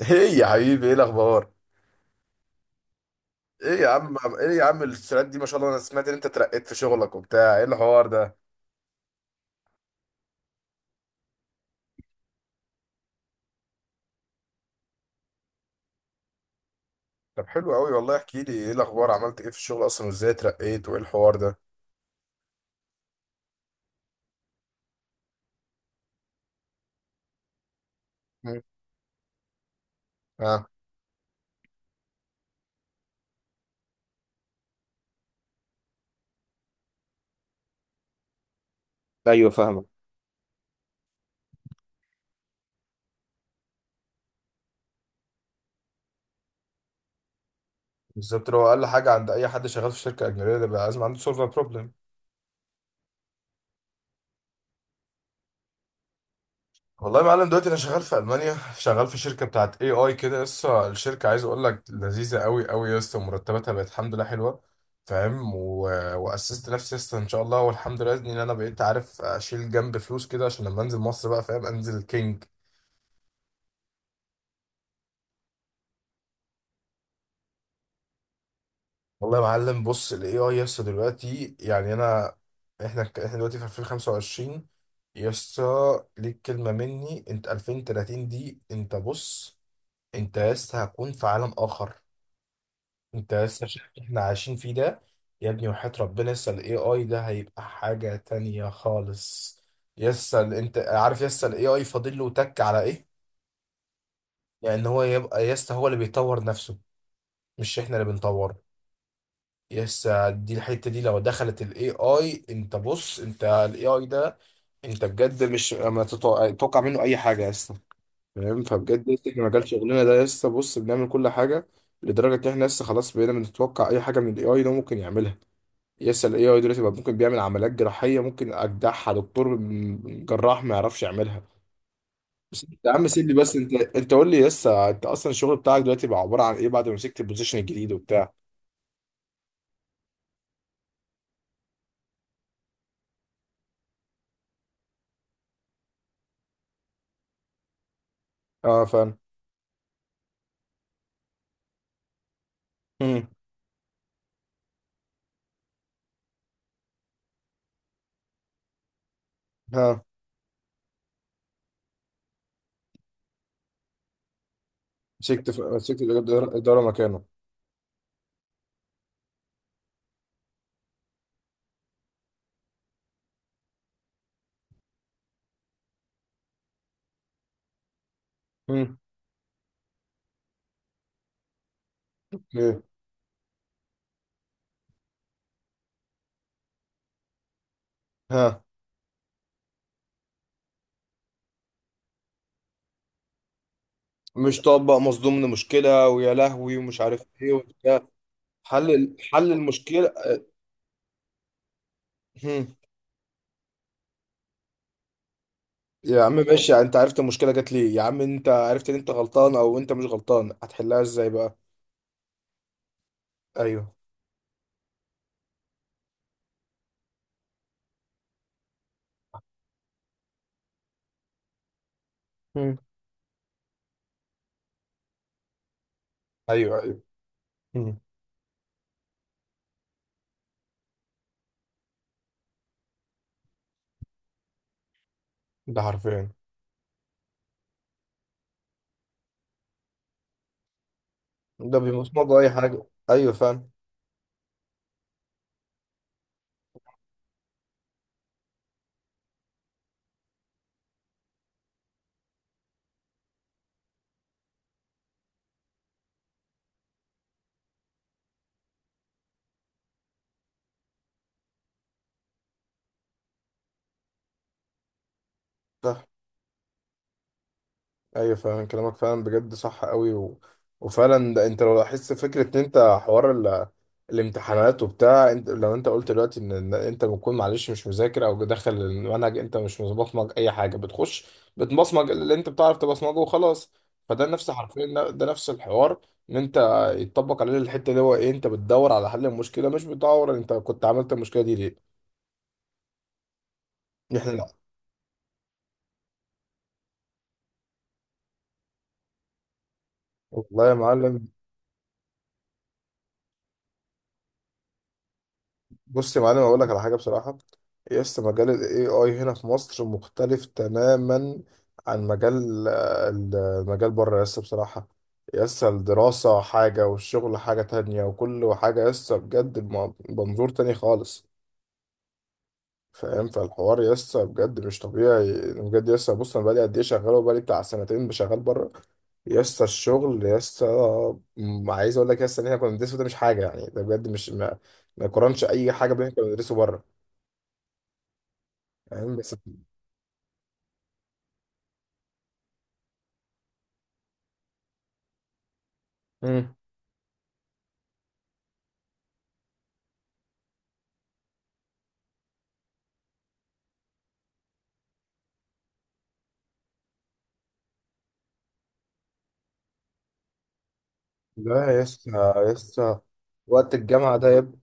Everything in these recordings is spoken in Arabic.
ايه يا حبيبي، ايه الاخبار؟ ايه يا عم السرعات دي ما شاء الله. انا سمعت ان انت ترقيت في شغلك وبتاع، ايه الحوار ده؟ طب حلو قوي والله، احكي لي ايه الاخبار، عملت ايه في الشغل اصلا وازاي ترقيت وايه الحوار ده؟ مم. اه. ايوه فاهمك. بالظبط، لو اقل حاجه عند اي حد شغال في شركه اجنبيه ده بقى لازم عنده سيرفر بروبلم. والله يا معلم، دلوقتي انا شغال في المانيا، شغال في شركه بتاعت اي اي كده. لسه الشركه، عايز اقول لك، لذيذه قوي قوي، لسه مرتباتها بقت الحمد لله حلوه. فاهم و... واسست نفسي لسه ان شاء الله، والحمد لله ان انا بقيت عارف اشيل جنب فلوس كده، عشان لما انزل مصر بقى، فاهم، انزل كينج. والله يا معلم، بص الاي اي لسه دلوقتي، يعني انا احنا دلوقتي في 2025. يسا، ليك كلمه مني، انت 2030 دي، انت بص، انت لسه هتكون في عالم اخر. انت لسه شايف اللي احنا عايشين فيه ده يا ابني؟ وحياة ربنا لسه الاي اي ده هيبقى حاجة تانية خالص. لسه انت عارف لسه الاي اي فاضل له تك على ايه؟ لان هو يبقى لسه هو اللي بيطور نفسه، مش احنا اللي بنطوره. لسه دي الحتة دي، لو دخلت الاي اي، انت بص، انت الاي اي ده انت بجد مش ما تتوقع تتوقع منه اي حاجة لسه، فاهم؟ فبجد لسه احنا مجال شغلنا ده لسه بص بنعمل كل حاجة، لدرجة ان احنا لسه خلاص بقينا بنتوقع اي حاجة من الاي اي ده ممكن يعملها. يسأل الاي اي دلوقتي بقى، ممكن بيعمل عمليات جراحية ممكن اجدعها دكتور جراح ما يعرفش يعملها. بس انت يا عم سيبني، بس انت قول لي، يسا انت اصلا الشغل بتاعك دلوقتي بقى عبارة عن ايه بعد ما مسكت البوزيشن الجديد وبتاع؟ اه فاهم. مم. ها. مسكت الإدارة مكانه. مم. ايه. ها. مش طبق، مصدوم من مشكلة ويا لهوي ومش عارف ايه وبتاع. حل المشكلة. مم. يا عم ماشي، انت عرفت المشكله جات ليه يا عم، انت عرفت ان انت غلطان او انت مش غلطان، هتحلها ازاي بقى؟ ايوه. مم. ايوه ايوه. مم. ده حرفيا. ده بيمصمدوا اي حاجه. ايوه فعلا. صح. ايوه فعلا كلامك فعلا بجد صح قوي و... وفعلا ده، انت لو لاحظت فكره ان انت حوار ال... الامتحانات وبتاع، انت لو انت قلت دلوقتي ان انت بتكون معلش مش مذاكر او داخل المنهج، انت مش مبصمج اي حاجه، بتخش بتبصمج اللي انت بتعرف تبصمجه وخلاص. فده نفس حرفيا ده نفس الحوار، ان انت يتطبق عليه الحته اللي هو ايه، انت بتدور على حل المشكله، مش بتدور انت كنت عملت المشكله دي ليه. احنا لا. والله يا معلم بص، يا معلم اقول لك على حاجه بصراحه، يس مجال الاي اي هنا في مصر مختلف تماما عن مجال، المجال بره، يس بصراحه. يس الدراسه حاجه والشغل حاجه تانية وكل حاجه، يس بجد بمنظور تاني خالص. فاهم، فالحوار يا اسطى بجد مش طبيعي بجد يا اسطى. بص انا بقالي قد ايه شغال، وبقالي بتاع سنتين بشغال بره يا اسطى. الشغل يا اسطى، عايز اقول لك يا اسطى ان احنا كنا بندرسه ده مش حاجه، يعني ده بجد مش ما يقارنش اي حاجه باللي احنا كنا بندرسه بره. فاهم بس. امم. لا يا اسطى يا اسطى، وقت الجامعة ده يا ابني.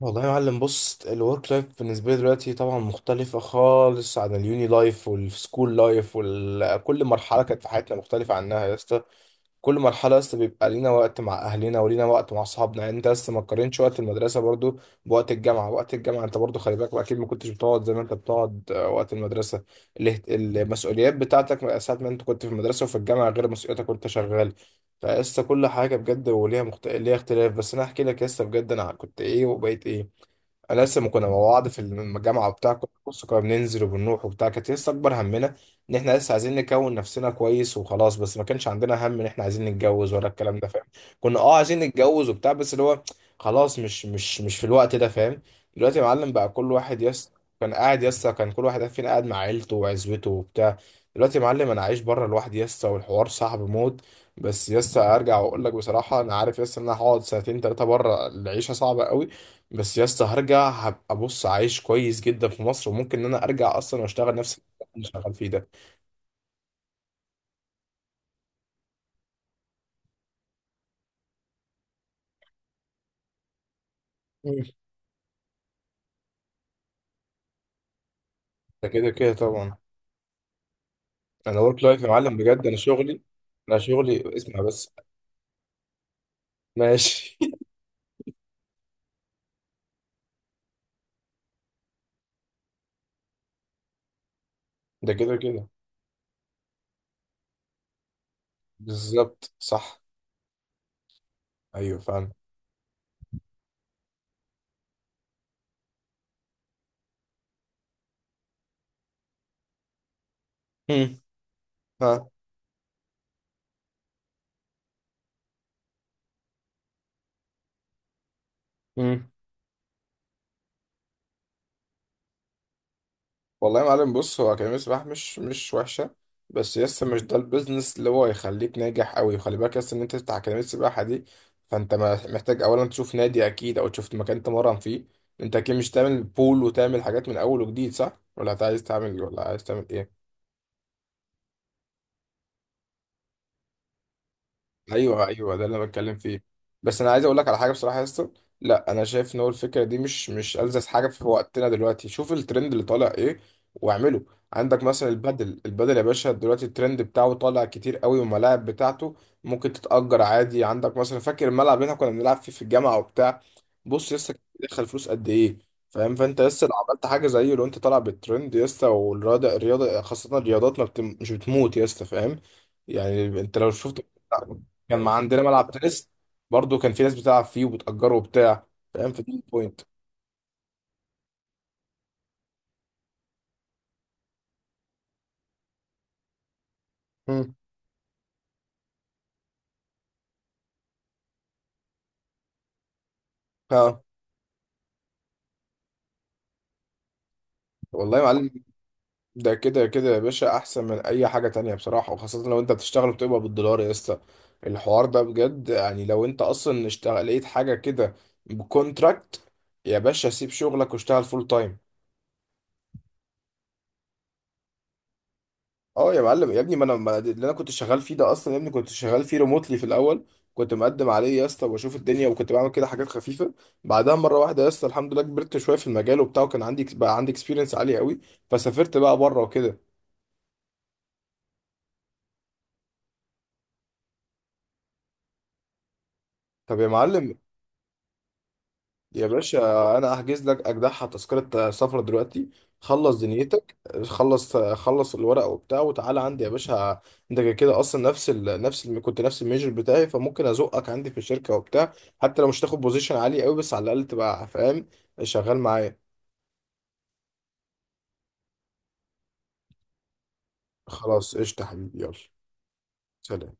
والله يا معلم بص، الورك لايف بالنسبة لي دلوقتي طبعا مختلفة خالص عن اليوني لايف والسكول لايف، وكل مرحلة كانت في حياتنا مختلفة عنها يا اسطى. كل مرحلة لسه بيبقى لينا وقت مع أهلنا ولينا وقت مع أصحابنا، يعني أنت لسه ما تقارنش وقت المدرسة برضو بوقت الجامعة. وقت الجامعة أنت برضو خلي بالك أكيد ما كنتش بتقعد زي ما أنت بتقعد وقت المدرسة. المسؤوليات بتاعتك ساعة ما أنت كنت في المدرسة وفي الجامعة غير مسؤولياتك وأنت شغال. فلسه كل حاجة بجد وليها ليها اختلاف. بس أنا أحكي لك لسه بجد أنا كنت إيه وبقيت إيه. انا لسه ما كنا مع بعض في الجامعه وبتاع، كنا بص كنا بننزل وبنروح وبتاع، كانت لسه اكبر همنا ان احنا لسه عايزين نكون نفسنا كويس وخلاص. بس ما كانش عندنا هم ان احنا عايزين نتجوز ولا الكلام ده، فاهم؟ كنا عايزين نتجوز وبتاع، بس اللي هو خلاص مش مش في الوقت ده، فاهم؟ دلوقتي يا معلم بقى، كل واحد يس كان قاعد، يس كان كل واحد فينا قاعد مع عيلته وعزوته وبتاع. دلوقتي يا معلم انا عايش بره لوحدي يس، والحوار صعب موت. بس يس ارجع واقول لك بصراحه، انا عارف يس ان انا هقعد سنتين ثلاثه بره، العيشه صعبه قوي. بس يا اسطى هرجع هبقى بص عايش كويس جدا في مصر، وممكن ان انا ارجع اصلا واشتغل نفس اللي انا شغال فيه ده. مم. ده كده كده طبعا. انا ورك لايف يا معلم بجد، انا شغلي اسمع بس. ماشي ده كده كده. بالظبط صح. ايوه فاهم. مم. ها. والله يا معلم بص، هو كلمة سباح مش وحشة، بس يس مش ده البيزنس اللي هو يخليك ناجح أوي. وخلي بالك يس إن أنت تفتح أكاديمية سباحة دي، فأنت محتاج أولا تشوف نادي أكيد، أو تشوف مكان تمرن فيه. أنت أكيد مش تعمل بول وتعمل حاجات من أول وجديد، صح؟ ولا أنت عايز تعمل، ولا عايز تعمل إيه؟ ايوه ايوه، ده اللي انا بتكلم فيه. بس انا عايز اقول لك على حاجه بصراحه يا اسطى، لا انا شايف ان هو الفكره دي مش ألذذ حاجه في وقتنا دلوقتي. شوف الترند اللي طالع ايه واعمله. عندك مثلا البدل البدل يا باشا، دلوقتي الترند بتاعه طالع كتير قوي والملاعب بتاعته ممكن تتأجر عادي. عندك مثلا، فاكر الملعب اللي احنا كنا بنلعب فيه في الجامعه وبتاع؟ بص لسه دخل فلوس قد ايه. فاهم، فانت لسه لو عملت حاجه زيه، لو انت طالع بالترند يا اسطى، والرياضه الرياضه خاصه، الرياضات ما بتم... مش بتموت يا اسطى، فاهم؟ يعني انت لو شفت كان ما عندنا ملعب تنس، برضو كان في ناس بتلعب فيه وبتأجره وبتاع. فاهم، في دي بوينت. مم. ها. والله يا معلم، ده كده كده يا باشا احسن من اي حاجه تانية بصراحه، وخاصه لو انت بتشتغل وبتقبض بالدولار يا اسطى. الحوار ده بجد، يعني لو انت اصلا اشتغل لقيت حاجه كده بكونتراكت، يا باشا سيب شغلك واشتغل فول تايم. اه يا معلم يا ابني، ما انا ما اللي انا كنت شغال فيه ده اصلا يا ابني، كنت شغال فيه ريموتلي في الاول. كنت مقدم عليه يا اسطى واشوف الدنيا، وكنت بعمل كده حاجات خفيفه. بعدها مره واحده يا اسطى، الحمد لله، كبرت شويه في المجال وبتاع، وكان عندي بقى، عندي اكسبيرينس عالي قوي، فسافرت بقى بره وكده. طب يا معلم، يا باشا انا احجز لك اجدعها تذكره سفر دلوقتي. خلص دنيتك، خلص خلص الورق وبتاع، وتعالى عندي يا باشا. انت كده كده اصلا كنت نفس الميجر بتاعي، فممكن ازقك عندي في الشركه وبتاع. حتى لو مش تاخد بوزيشن عالي قوي، بس على الاقل تبقى فاهم، شغال معايا. خلاص قشطه حبيبي، يلا. سلام.